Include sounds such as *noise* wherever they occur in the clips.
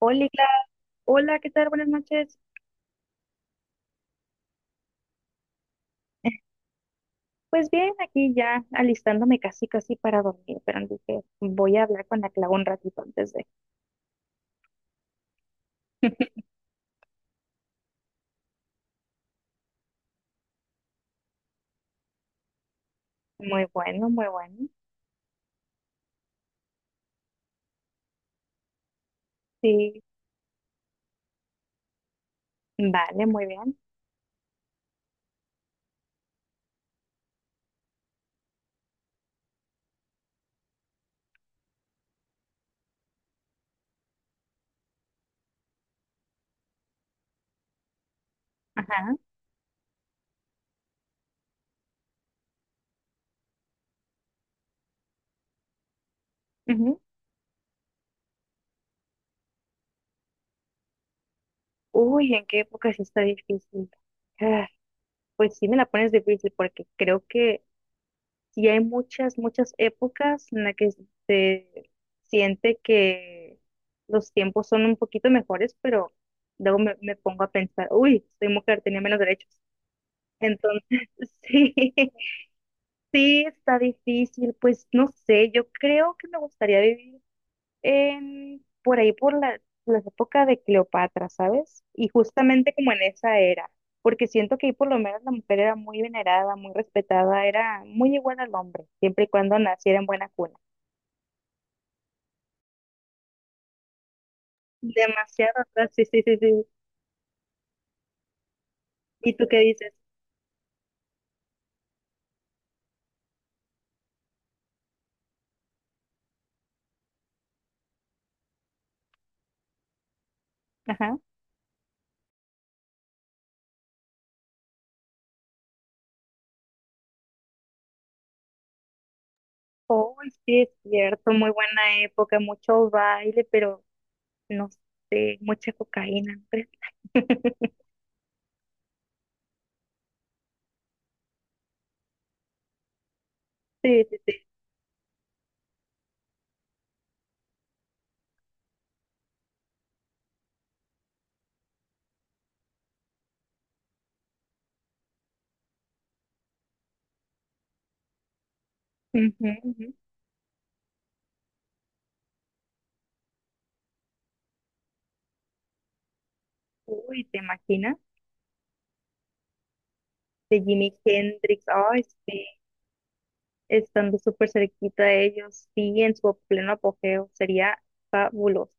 Hola, hola, ¿qué tal? Buenas noches. Pues bien, aquí ya alistándome casi casi para dormir, pero dije, voy a hablar con la Clau un ratito antes de. Muy bueno, muy bueno. Sí, vale, muy bien. Ajá. Ujú. Uy, ¿en qué época sí está difícil? Ah, pues sí me la pones difícil porque creo que sí hay muchas, muchas épocas en las que se siente que los tiempos son un poquito mejores, pero luego me pongo a pensar, uy, soy mujer, tenía menos derechos. Entonces, *laughs* sí, sí, está difícil, pues no sé, yo creo que me gustaría vivir en, por ahí por las épocas de Cleopatra, ¿sabes? Y justamente como en esa era, porque siento que ahí por lo menos la mujer era muy venerada, muy respetada, era muy igual al hombre, siempre y cuando naciera en buena cuna. Demasiado, ¿verdad? Sí, sí, sí, sí. ¿Y tú qué dices? Ajá. Oh, sí, es cierto, muy buena época, mucho baile, pero no sé, mucha cocaína. ¿No crees? *laughs* Sí, sí, sí. Ujú, ujú. Uy, ¿te imaginas? De Jimi Hendrix, ay, sí. Estando súper cerquita de ellos, sí, en su pleno apogeo, sería fabuloso.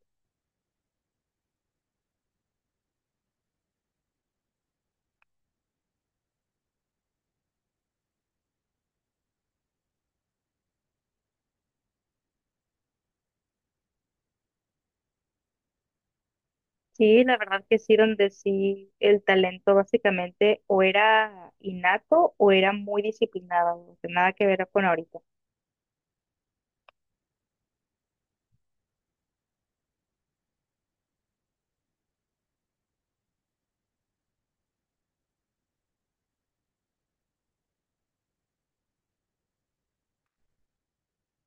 Sí, la verdad que sí, donde sí el talento básicamente o era innato o era muy disciplinado, o sea, nada que ver con ahorita.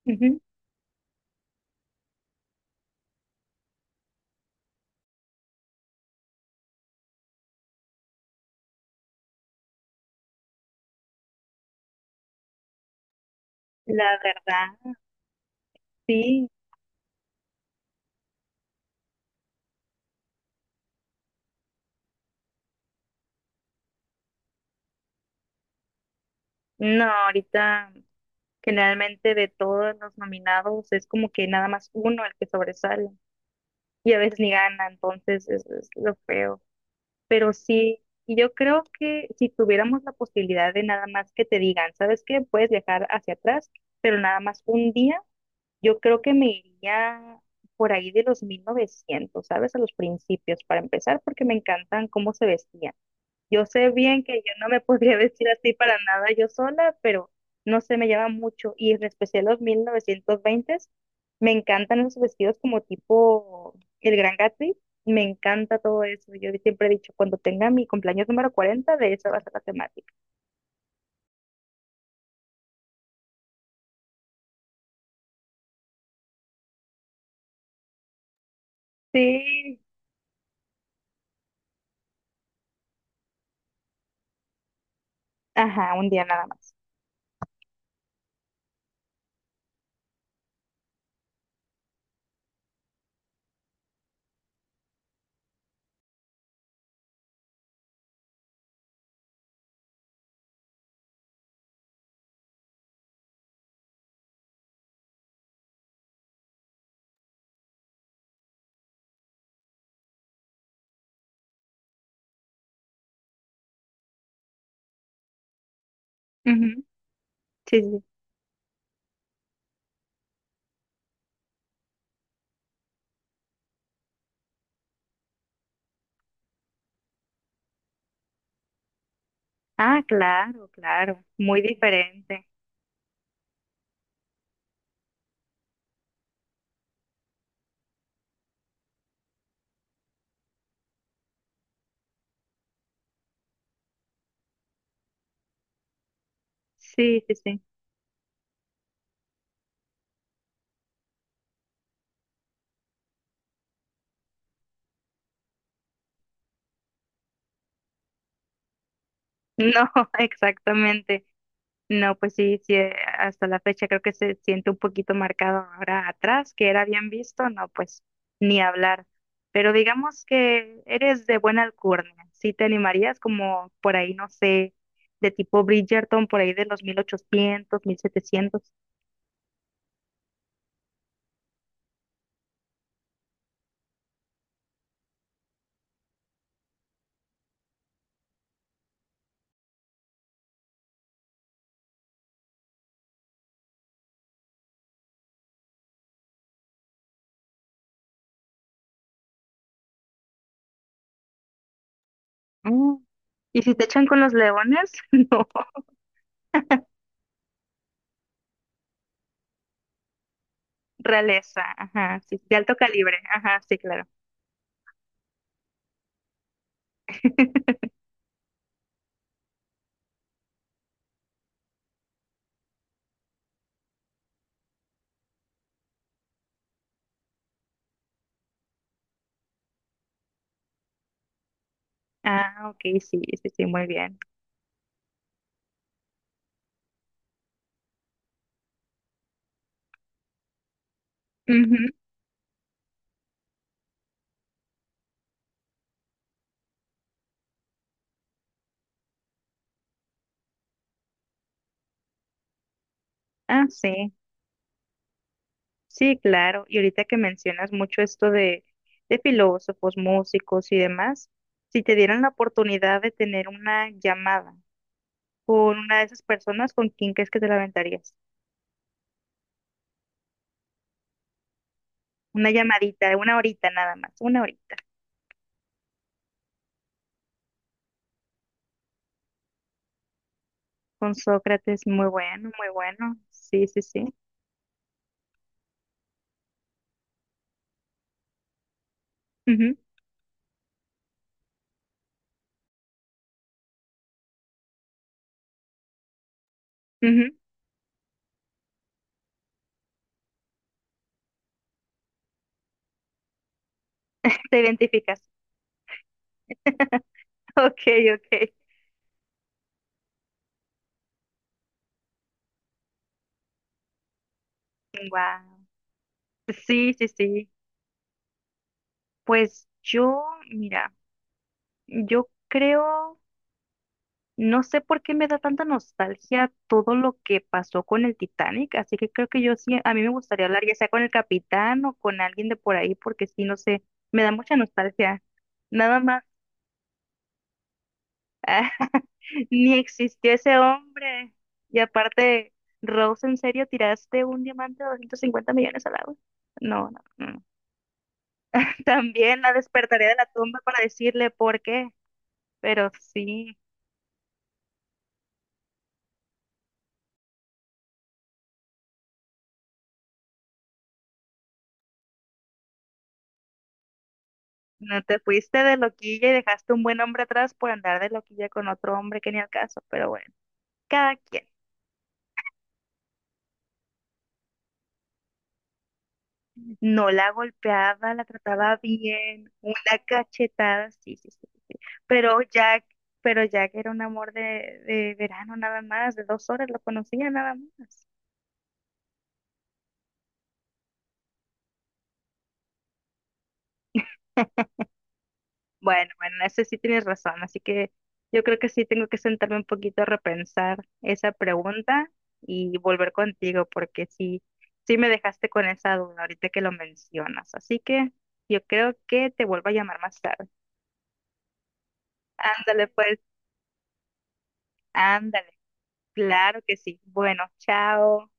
Ujú. La verdad, sí, no, ahorita generalmente de todos los nominados es como que nada más uno el que sobresale y a veces ni gana, entonces es lo feo. Pero sí, y yo creo que si tuviéramos la posibilidad de nada más que te digan, ¿sabes qué? Puedes viajar hacia atrás, pero nada más un día, yo creo que me iría por ahí de los 1900, ¿sabes? A los principios, para empezar, porque me encantan cómo se vestían. Yo sé bien que yo no me *laughs* podría vestir así para nada yo sola, pero no sé, me llama mucho. Y en especial los mil novecientos s me encantan esos vestidos como tipo el Gran Gatsby. Me encanta todo eso. Yo siempre he dicho, cuando tenga mi cumpleaños número 40, de eso va a ser la temática. Sí, ajá, un día nada más. Ujú, sí, sí. Ah, claro, claro. Muy diferente. Sí, sí, sí. No, *laughs* exactamente. No, pues sí, sí, hasta la fecha creo que se siente un poquito marcado ahora atrás, que era bien visto, no, pues ni hablar. Pero digamos que eres de buena alcurnia, sí te animarías como por ahí, no sé, de tipo Bridgerton, por ahí de los 1800, 1700. Mm. Y si te echan con los leones, *laughs* no, realeza, ajá, sí, de alto calibre, ajá, sí, claro. *laughs* Ah, ok, sí, sí, sí, muy bien. Ujú, ah, sí. Sí, claro. Y ahorita que mencionas mucho esto de, filósofos, músicos y demás, si te dieran la oportunidad de tener una llamada con una de esas personas, ¿con quién crees que te la aventarías? Una llamadita, de una horita nada más, una horita. Con Sócrates, muy bueno, muy bueno. Sí, sí, sí. Ujú, ujú. Te identificas. *laughs* Ok, ok. Wow. Sí, sí, sí. Pues yo, mira, yo creo. No sé por qué me da tanta nostalgia todo lo que pasó con el Titanic, así que creo que yo sí, a mí me gustaría hablar ya sea con el capitán o con alguien de por ahí, porque sí, no sé, me da mucha nostalgia. Nada más, *laughs* ni existió ese hombre. Y aparte, Rose, ¿en serio tiraste un diamante de 250 millones al agua? No, no, no. *laughs* También la despertaré de la tumba para decirle por qué, pero sí. No te fuiste de loquilla y dejaste un buen hombre atrás por andar de loquilla con otro hombre que ni al caso, pero bueno, cada quien. No la golpeaba, la trataba bien, una cachetada, sí, sí, sí, sí. Sí. Pero Jack, pero Jack era un amor de, verano nada más, de 2 horas lo conocía nada más. Bueno, bueno, eso sí tienes razón, así que yo creo que sí tengo que sentarme un poquito a repensar esa pregunta y volver contigo, porque sí, sí me dejaste con esa duda ahorita que lo mencionas, así que yo creo que te vuelvo a llamar más tarde. Ándale, pues, ándale, claro que sí. Bueno, chao.